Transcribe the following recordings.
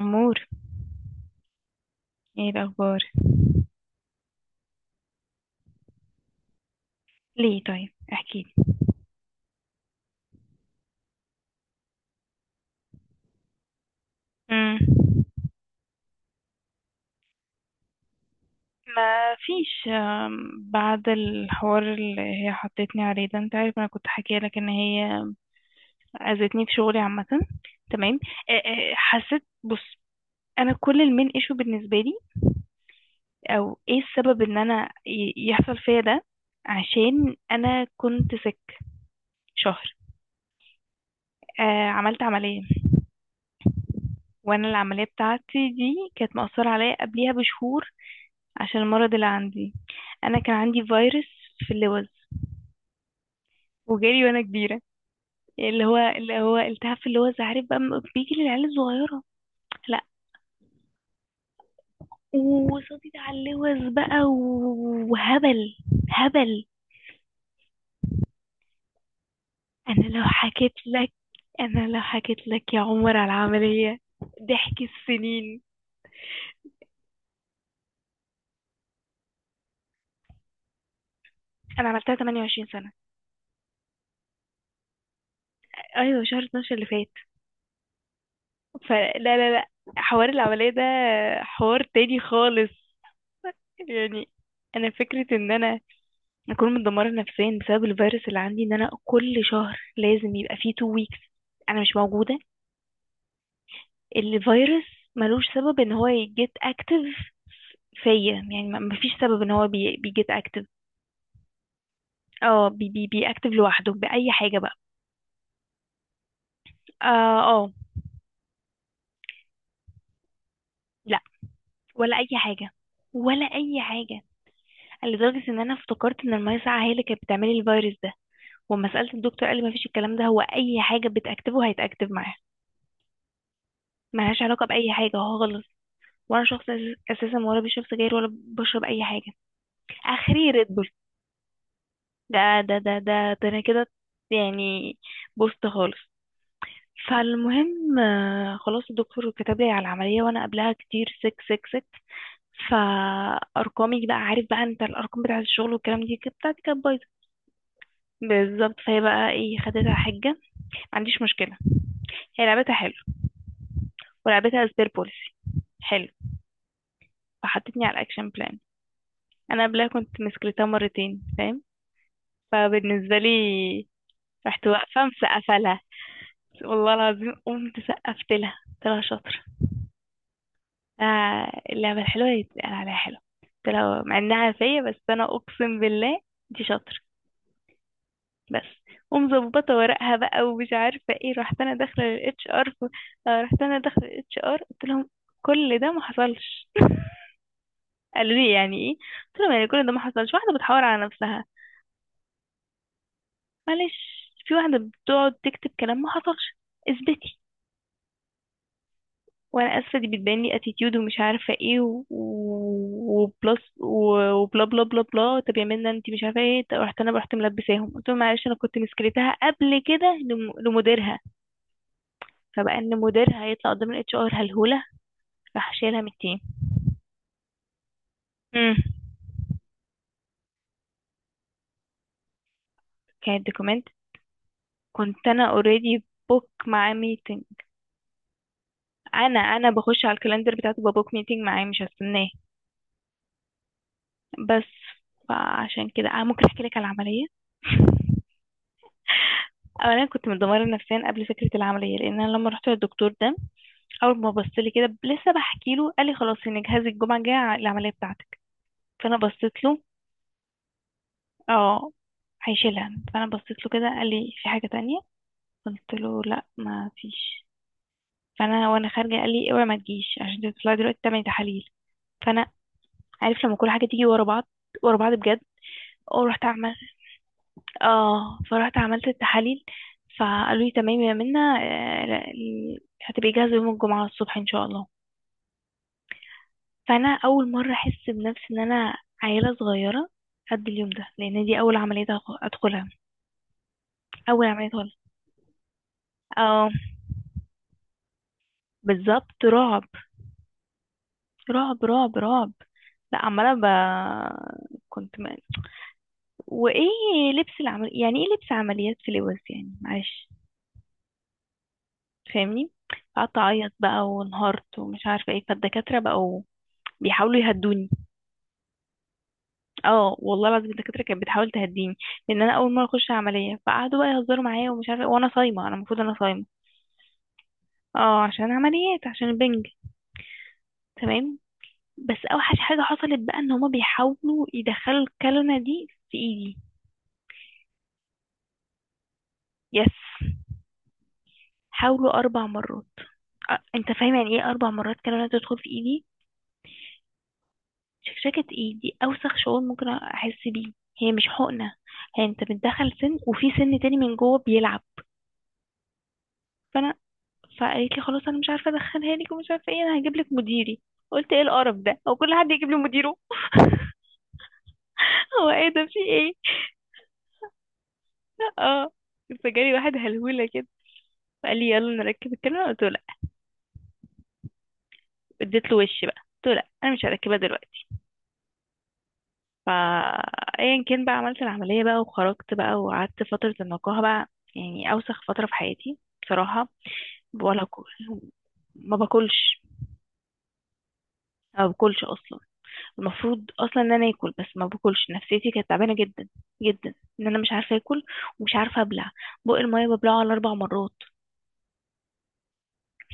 أمور، ايه الأخبار؟ ليه؟ طيب احكيلي. امم ما فيش. بعد الحوار اللي هي حطتني عليه ده، انت عارف انا كنت حكيه لك ان هي اذتني في شغلي عامه. تمام. حسيت، بص، انا كل المين ايشو بالنسبه لي، او ايه السبب ان انا يحصل فيا ده؟ عشان انا كنت سك شهر. عملت عمليه، وانا العمليه بتاعتي دي كانت مأثره عليا قبليها بشهور، عشان المرض اللي عندي. انا كان عندي فيروس في اللوز، وجالي وانا كبيره، اللي هو اللي هو التهاب في اللوز، عارف بقى، بيجي للعيال الصغيره. لا. وصديت على اللوز بقى وهبل. هبل. انا لو حكيت لك انا لو حكيت لك يا عمر على العمليه، ضحك السنين. انا عملتها 28 سنه. ايوه، شهر 12 اللي فات. فلا، لا، لا، حوار العمليه ده حوار تاني خالص. يعني انا فكره ان انا اكون متدمره نفسيا بسبب الفيروس اللي عندي، ان انا كل شهر لازم يبقى فيه تو ويكس انا مش موجوده. الفيروس ملوش سبب ان هو يجيت اكتف فيا، يعني مفيش سبب ان هو بيجيت اكتف. اه، بي بي بي اكتف لوحده باي حاجه بقى. اه، اه. لا، ولا اي حاجه، ولا اي حاجه. لدرجه ان انا افتكرت ان الميه ساقعه هي اللي كانت بتعملي الفيروس ده، وما سالت الدكتور قال لي مفيش الكلام ده، هو اي حاجه بتاكتفه هيتاكتف معاها. ملهاش علاقه باي حاجه خالص. ولا شخص اساسا ولا بشرب سجاير ولا بشرب اي حاجه. اخري ريد بول. ده ده انا كده يعني، بوست خالص. فالمهم، خلاص الدكتور كتب لي على العمليه. وانا قبلها كتير سك، فارقامي بقى، عارف بقى انت، الارقام بتاعه الشغل والكلام دي كانت، بتاعتي كانت بايظه. بالظبط. فهي بقى ايه، خدتها حجه، ما عنديش مشكله، هي لعبتها حلو، ولعبتها سبير بوليسي، حلو، فحطتني على الاكشن بلان. انا قبلها كنت مسكرتها مرتين، فاهم؟ فبالنسبة لي، رحت واقفة مسقفة لها. والله العظيم قمت سقفت لها، قلت لها شاطرة. اللعبة الحلوة اللي بتتقال عليها حلوة، قلت لها، مع انها فيا، بس انا اقسم بالله دي شاطرة. بس. ومظبطة ورقها بقى ومش عارفة ايه. رحت انا داخلة للاتش ار، قلت لهم كل ده ما حصلش. قالوا لي يعني ايه؟ قلت لهم يعني كل ده ما حصلش، واحدة بتحاور على نفسها، معلش، في واحدة بتقعد تكتب كلام ما حصلش، اثبتي. وانا اسفه دي بتبان لي اتيتيود ومش عارفه ايه وبلس وبلا بلا بلا بلا، طب يا منى انت مش عارفه ايه. طب رحت انا، رحت ملبساهم قلت لهم معلش انا كنت مسكرتها قبل كده لمديرها. فبقى ان مديرها هيطلع قدام الاتش ار هلهوله، راح شايلها من التيم. امم، كانت دوكيمنت. كنت انا اوريدي بوك معاه ميتنج. انا بخش على الكالندر بتاعته ببوك ميتنج معاه مش هستناه، بس. فعشان كده انا ممكن احكي لك على العمليه. اولا كنت متدمره نفسيا قبل فكره العمليه، لان انا لما رحت للدكتور ده، اول ما بص لي كده، لسه بحكي له، قال لي خلاص ان جهازي الجمعه الجايه العمليه بتاعتك. فانا بصيت له. اه، هيشيلها. فانا بصيت له كده، قال لي في حاجه تانية؟ قلت له لا، ما فيش. فانا وانا خارجه قال لي اوعي ما تجيش، عشان تطلعي دلوقتي تعملي تحاليل. فانا، عارف لما كل حاجه تيجي ورا بعض، ورا بعض بجد. ورحت. اه، فرحت عملت التحاليل، فقالوا لي تمام يا منى، ال هتبقي جاهزة يوم الجمعة الصبح ان شاء الله. فانا اول مرة احس بنفسي ان انا عيلة صغيرة قد اليوم ده، لان دي اول عملية ادخلها، اول عملية خالص. اه، بالظبط، رعب، رعب، رعب، رعب. لا عمالة ب... كنت م... وايه، لبس العمل يعني ايه، لبس عمليات، في لبس يعني، معلش، فاهمني؟ قعدت اعيط بقى وانهارت ومش عارفه ايه، فالدكاتره بقوا بيحاولوا يهدوني. اه، والله العظيم الدكاتره كانت بتحاول تهديني، لان انا اول مره اخش عمليه، فقعدوا بقى يهزروا معايا ومش عارفه وانا صايمه، انا المفروض انا صايمه، اه، عشان عمليات، عشان البنج. تمام. بس اوحش حاجه حصلت بقى، ان هما بيحاولوا يدخلوا الكلمه دي في ايدي. يس. حاولوا 4 مرات. انت فاهم يعني ايه 4 مرات كلمه تدخل في ايدي؟ شكشكه ايدي اوسخ شعور ممكن احس بيه. هي مش حقنه، هي انت بتدخل سن، وفي سن تاني من جوه بيلعب. فانا، فقالت لي خلاص انا مش عارفه ادخلها لك ومش عارفه ايه، انا هجيب لك مديري. قلت ايه القرف ده، هو كل حد يجيب لي مديره؟ هو ايه ده؟ في ايه؟ اه. فجالي واحد هلهوله كده، فقال لي يلا نركب الكاميرا. قلت له لا. اديت له وش بقى، قلت له لا، انا مش هركبها دلوقتي. فا، ايا كان بقى، عملت العمليه بقى وخرجت بقى، وقعدت فتره النقاهه بقى. يعني اوسخ فتره في حياتي بصراحه. ولا كل، ما باكلش، ما باكلش اصلا. المفروض اصلا ان انا اكل، بس ما باكلش، نفسيتي كانت تعبانه جدا جدا. ان انا مش عارفه اكل ومش عارفه ابلع، بق الميه ببلعه على 4 مرات.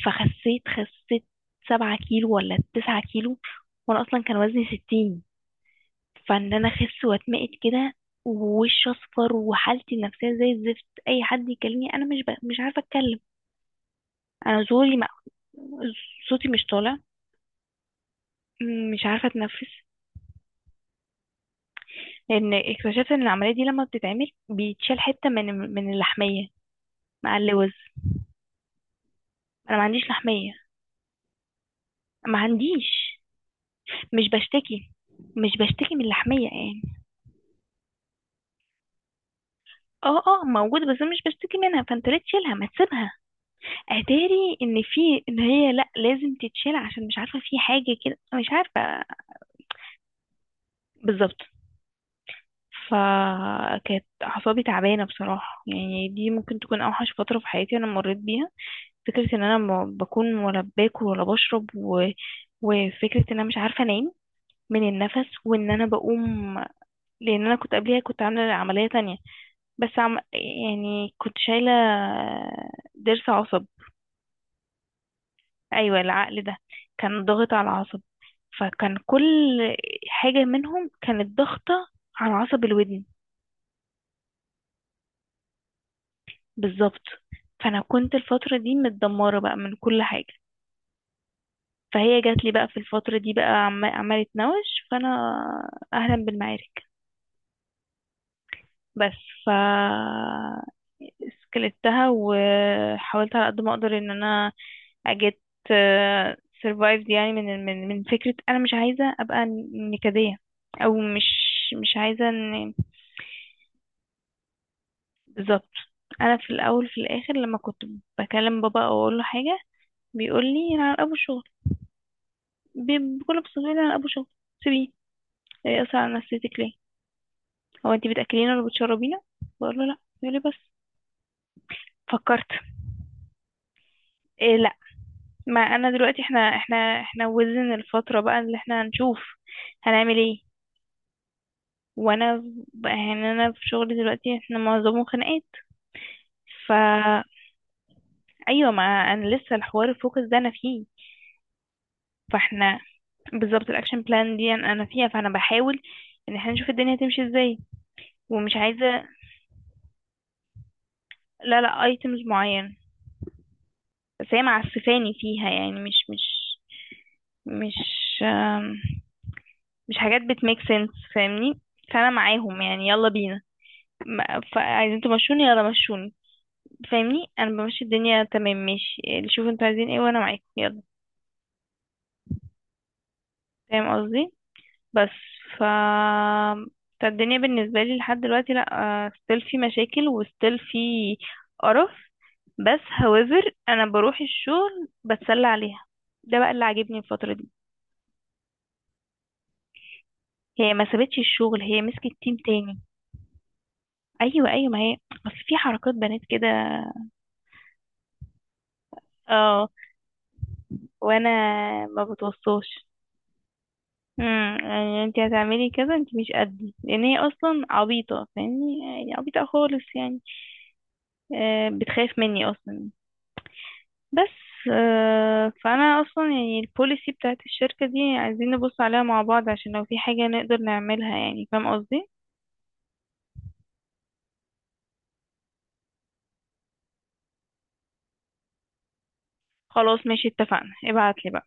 فخسيت، خسيت 7 كيلو ولا 9 كيلو، وانا اصلا كان وزني 60. فان انا اخس واتمقت كده ووشي اصفر وحالتي النفسيه زي الزفت، اي حد يكلمني انا مش ب... مش عارفه اتكلم. انا زوري ما... صوتي مش طالع. مش عارفه اتنفس، لان اكتشفت ان العمليه دي لما بتتعمل بيتشال حته من، من اللحميه مع اللوز. انا ما عنديش لحمية. ما عنديش. مش بشتكي، مش بشتكي من اللحمية يعني. اه، اه، موجودة، بس أنا مش بشتكي منها، فانت ليه تشيلها؟ ما تسيبها. اتاري ان في، ان هي لا، لازم تتشيل عشان، مش عارفة، في حاجة كده مش عارفة. بالظبط. فكانت اعصابي تعبانة بصراحة، يعني دي ممكن تكون اوحش فترة في حياتي انا مريت بيها. فكرة ان انا ما بكون ولا باكل ولا بشرب و... وفكرة ان انا مش عارفة انام من النفس، وان انا بقوم. لان انا كنت قبليها كنت عامله عمليه تانية، بس عم... يعني كنت شايله ضرس عصب. ايوه العقل ده كان ضاغط على العصب، فكان كل حاجه منهم كانت ضاغطه على عصب الودن. بالظبط. فانا كنت الفتره دي متدمره بقى من كل حاجه. فهي جات لي بقى في الفتره دي بقى، عم... عماله تنوش. فانا اهلا بالمعارك. بس، ف، سكلتها وحاولت على قد ما اقدر ان انا اجيت سيرفايفد يعني، من فكرة انا مش عايزة ابقى نكدية، او مش، مش عايزة ان، بالظبط. انا في الاول في الاخر لما كنت بكلم بابا او اقول له حاجة، بيقول لي انا على ابو شغل. بكل بساطة بيقول لي انا على ابو شغل، سيبيه، هي اصلا على نفسيتك ليه؟ هو انت بتاكلينا ولا بتشربينا؟ بقول له لا، يقول لي بس. فكرت، لا. ما انا دلوقتي، احنا وزن الفترة بقى اللي احنا هنشوف هنعمل ايه. وانا يعني انا في شغلي دلوقتي احنا معظمه خناقات، فا، ايوه، ما انا لسه الحوار الفوكس ده انا فيه. فاحنا، بالظبط الاكشن بلان دي انا فيها، فانا بحاول ان احنا نشوف الدنيا هتمشي ازاي. ومش عايزة، لا لا، ايتمز معين. بس هي معسفاني فيها يعني، مش، مش، مش، آم، مش حاجات بتميك سنس فاهمني؟ فانا معاهم يعني يلا بينا، ما، فعايزين تمشوني يلا مشوني. فاهمني، انا بمشي، الدنيا تمام ماشي، اللي شوفوا انتوا عايزين ايه وانا معاكم يلا. فاهم قصدي؟ بس. ف، فالدنيا بالنسبه لي لحد دلوقتي لا، ستيل في مشاكل وستيل في قرف، بس however انا بروح الشغل بتسلى عليها، ده بقى اللي عاجبني الفتره دي. هي ما سابتش الشغل، هي مسكت تيم تاني. ايوه، ايوه، ما هي، اصل في حركات بنات كده. اه. وانا ما بتوصاش. امم، يعني انت هتعملي كذا، انت مش قدي، لان هي اصلا عبيطه فاهمني، يعني عبيطه خالص يعني. بتخاف مني اصلا بس. فانا اصلا يعني البوليسي بتاعت الشركه دي عايزين نبص عليها مع بعض، عشان لو في حاجه نقدر نعملها، يعني فاهم قصدي؟ خلاص، ماشي، اتفقنا، ابعتلي بقى.